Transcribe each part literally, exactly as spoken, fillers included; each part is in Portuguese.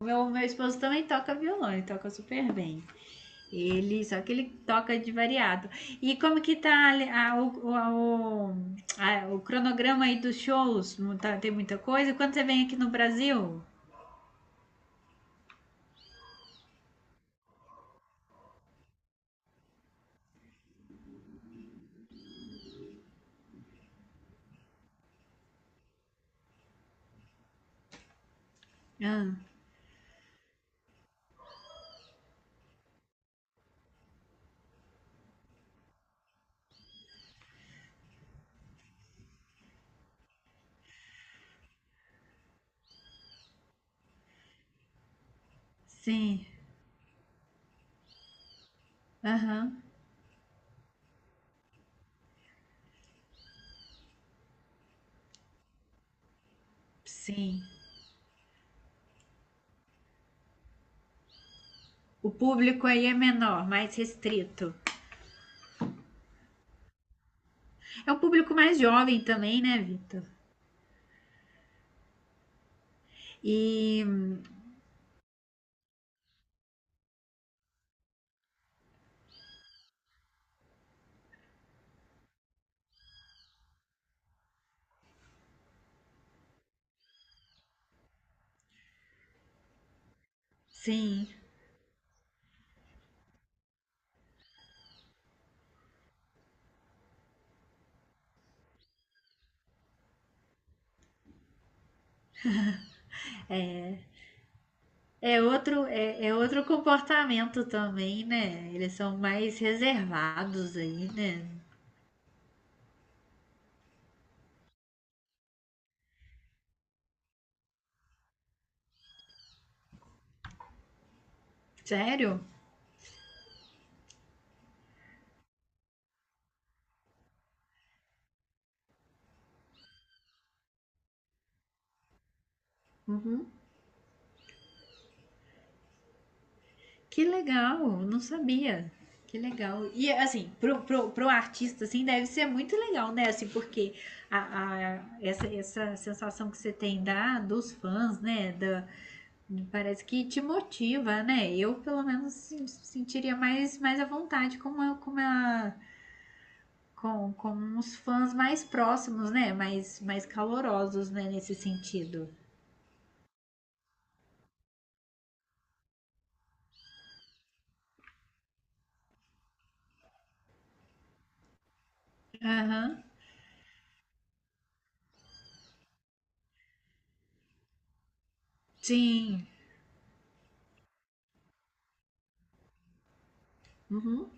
Meu, meu esposo também toca violão, ele toca super bem. Ele, só que ele toca de variado. E como que tá a- a- o, a- o, a- o cronograma aí dos shows? Não tá- Tem muita coisa? Quando você vem aqui no Brasil? Ah, sim, aham, sim. O público aí é menor, mais restrito. É um público mais jovem também, né, Vitor? E, sim, é, É outro, é, é outro comportamento também, né? Eles são mais reservados aí, né? Sério? Uhum. Que legal, não sabia. Que legal. E assim, pro, pro, pro artista, assim, deve ser muito legal, né? Assim, porque a, a- essa, essa sensação que você tem da, dos fãs, né? Da, parece que te motiva, né? Eu, pelo menos, se- sentiria mais, mais à vontade com uma, com uma Com, com uns fãs mais próximos, né? Mais, mais calorosos, né? Nesse sentido. Aham. Sim. Uhum.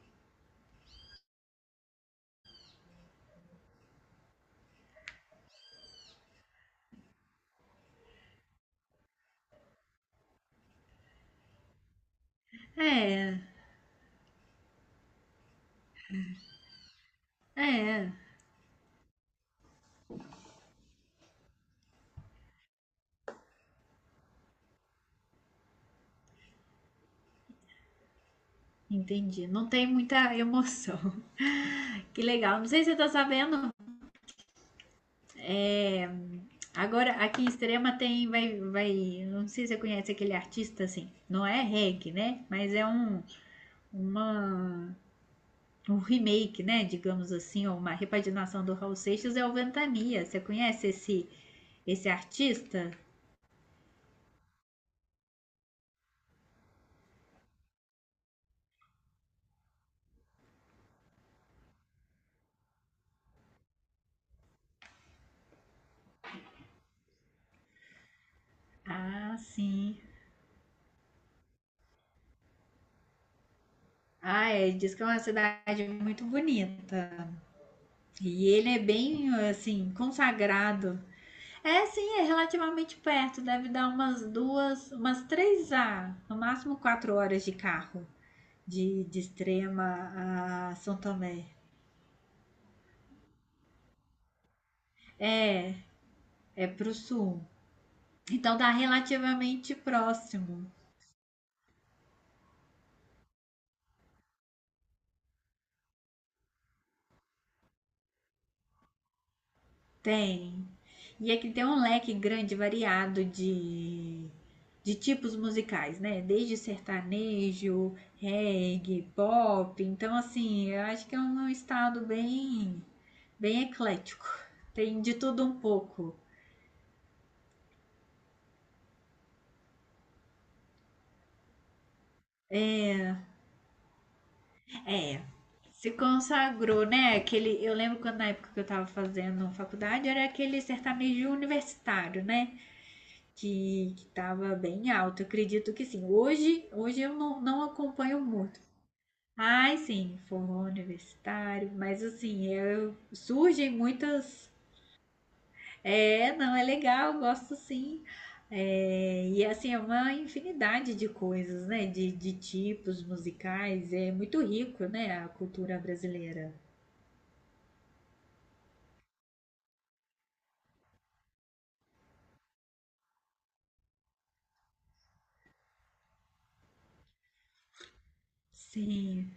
É, é. Entendi. Não tem muita emoção. Que legal. Não sei se você tá sabendo. É... Agora, aqui em Extrema tem, vai, vai, não sei se você conhece aquele artista assim, não é reggae, né? Mas é um, uma, um remake, né, digamos assim, ou uma repaginação do Raul Seixas é o Ventania. Você conhece esse esse artista? Ah, sim. Ah, é, diz que é uma cidade muito bonita. E ele é bem, assim, consagrado. É, sim, é relativamente perto. Deve dar umas duas, umas três a, no máximo quatro horas de carro. De, de Extrema a São Tomé. É, é pro sul. Então dá relativamente próximo. Tem. E aqui tem um leque grande, variado de, de tipos musicais, né? Desde sertanejo, reggae, pop. Então, assim, eu acho que é um estado bem, bem eclético. Tem de tudo um pouco. É, é. Se consagrou, né? Aquele, eu lembro quando na época que eu tava fazendo faculdade era aquele sertanejo universitário, né? Que estava bem alto. Eu acredito que sim. Hoje, hoje eu não, não acompanho muito. Ai, sim, forró universitário, mas assim, eu, surgem muitas. É, não, é legal, gosto sim. É, e assim, é uma infinidade de coisas, né? De, de tipos musicais. É muito rico, né? A cultura brasileira. Sim.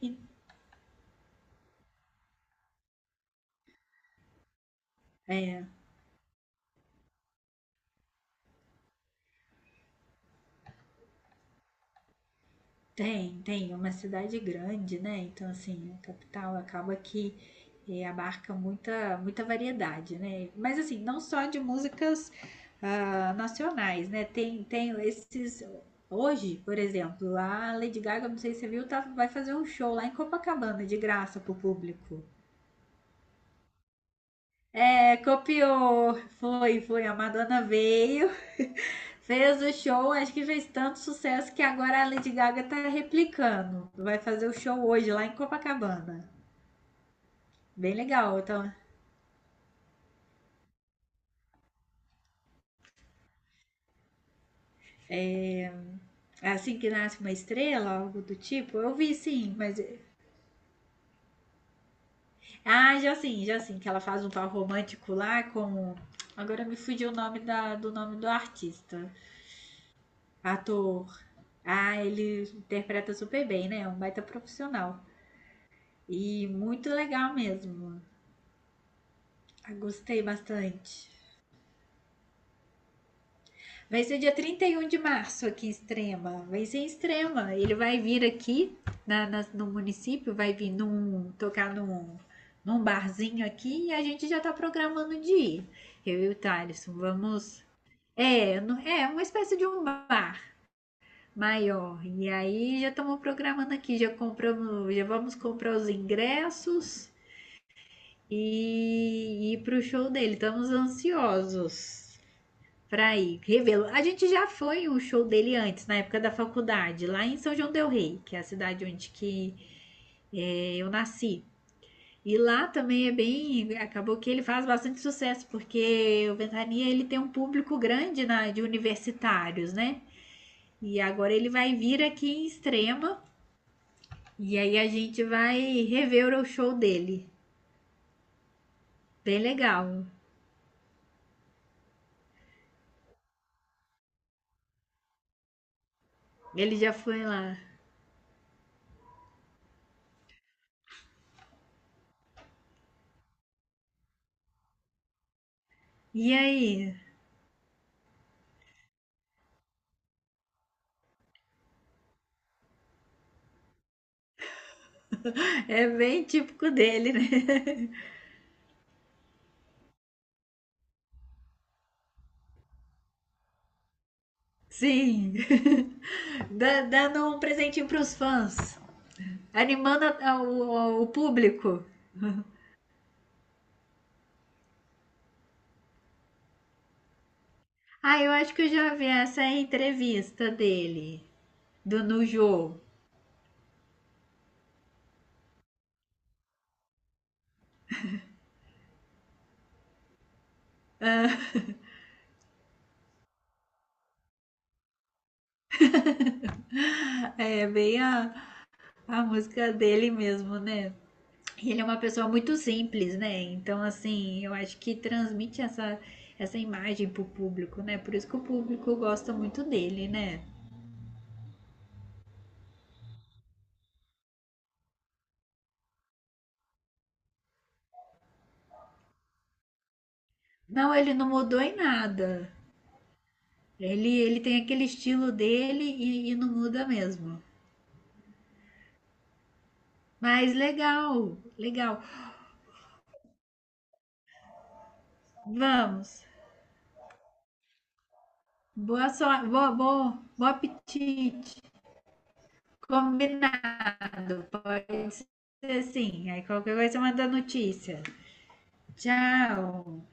E- é, Tem, tem. É uma cidade grande, né, então, assim, a capital acaba que, eh, abarca muita muita variedade, né. Mas, assim, não só de músicas, hã, nacionais, né, tem tem esses hoje, por exemplo, a Lady Gaga, não sei se você viu, tá vai fazer um show lá em Copacabana de graça para o público. É, copiou. Foi, foi. A Madonna veio, fez o show. Acho que fez tanto sucesso que agora a Lady Gaga tá replicando. Vai fazer o show hoje lá em Copacabana. Bem legal. Então, é é assim que nasce uma estrela, algo do tipo. Eu vi sim, mas. Ah, já sim, já sim. Que ela faz um par romântico lá com. Agora me fugiu o nome da, do nome do artista. Ator. Ah, ele interpreta super bem, né? É um baita profissional. E muito legal mesmo. Eu gostei bastante. Vai ser dia trinta e um de março aqui em Extrema. Vai ser em Extrema. Ele vai vir aqui na, na- no município, vai vir num, tocar num, num barzinho aqui e a gente já tá programando de ir. Eu e o Thaleson, vamos. É, é uma espécie de um bar maior. E aí já estamos programando aqui, já compramos, já vamos comprar os ingressos e ir pro show dele. Estamos ansiosos para ir revê-lo. A gente já foi um show dele antes, na época da faculdade, lá em São João del Rei, que é a cidade onde que é, eu nasci. E lá também é bem, acabou que ele faz bastante sucesso, porque o Ventania ele tem um público grande na, de universitários, né? E agora ele vai vir aqui em Extrema e aí a gente vai rever o show dele. Bem legal. Ele já foi lá. E aí, é bem típico dele, né? Sim. Dá- dando um presentinho pros fãs. Animando a- o, o público. Ah, eu acho que eu já vi essa entrevista dele. Do Nujo. Ah, é bem a, a música dele mesmo, né? E ele é uma pessoa muito simples, né? Então, assim, eu acho que transmite essa, essa imagem pro público, né? Por isso que o público gosta muito dele, né? Não, ele não mudou em nada. Ele, ele tem aquele estilo dele e, e não muda mesmo. Mas legal, legal. Vamos. Boa sorte, boa, boa, bom apetite. Combinado. Pode ser sim. Aí qualquer coisa manda notícia. Tchau.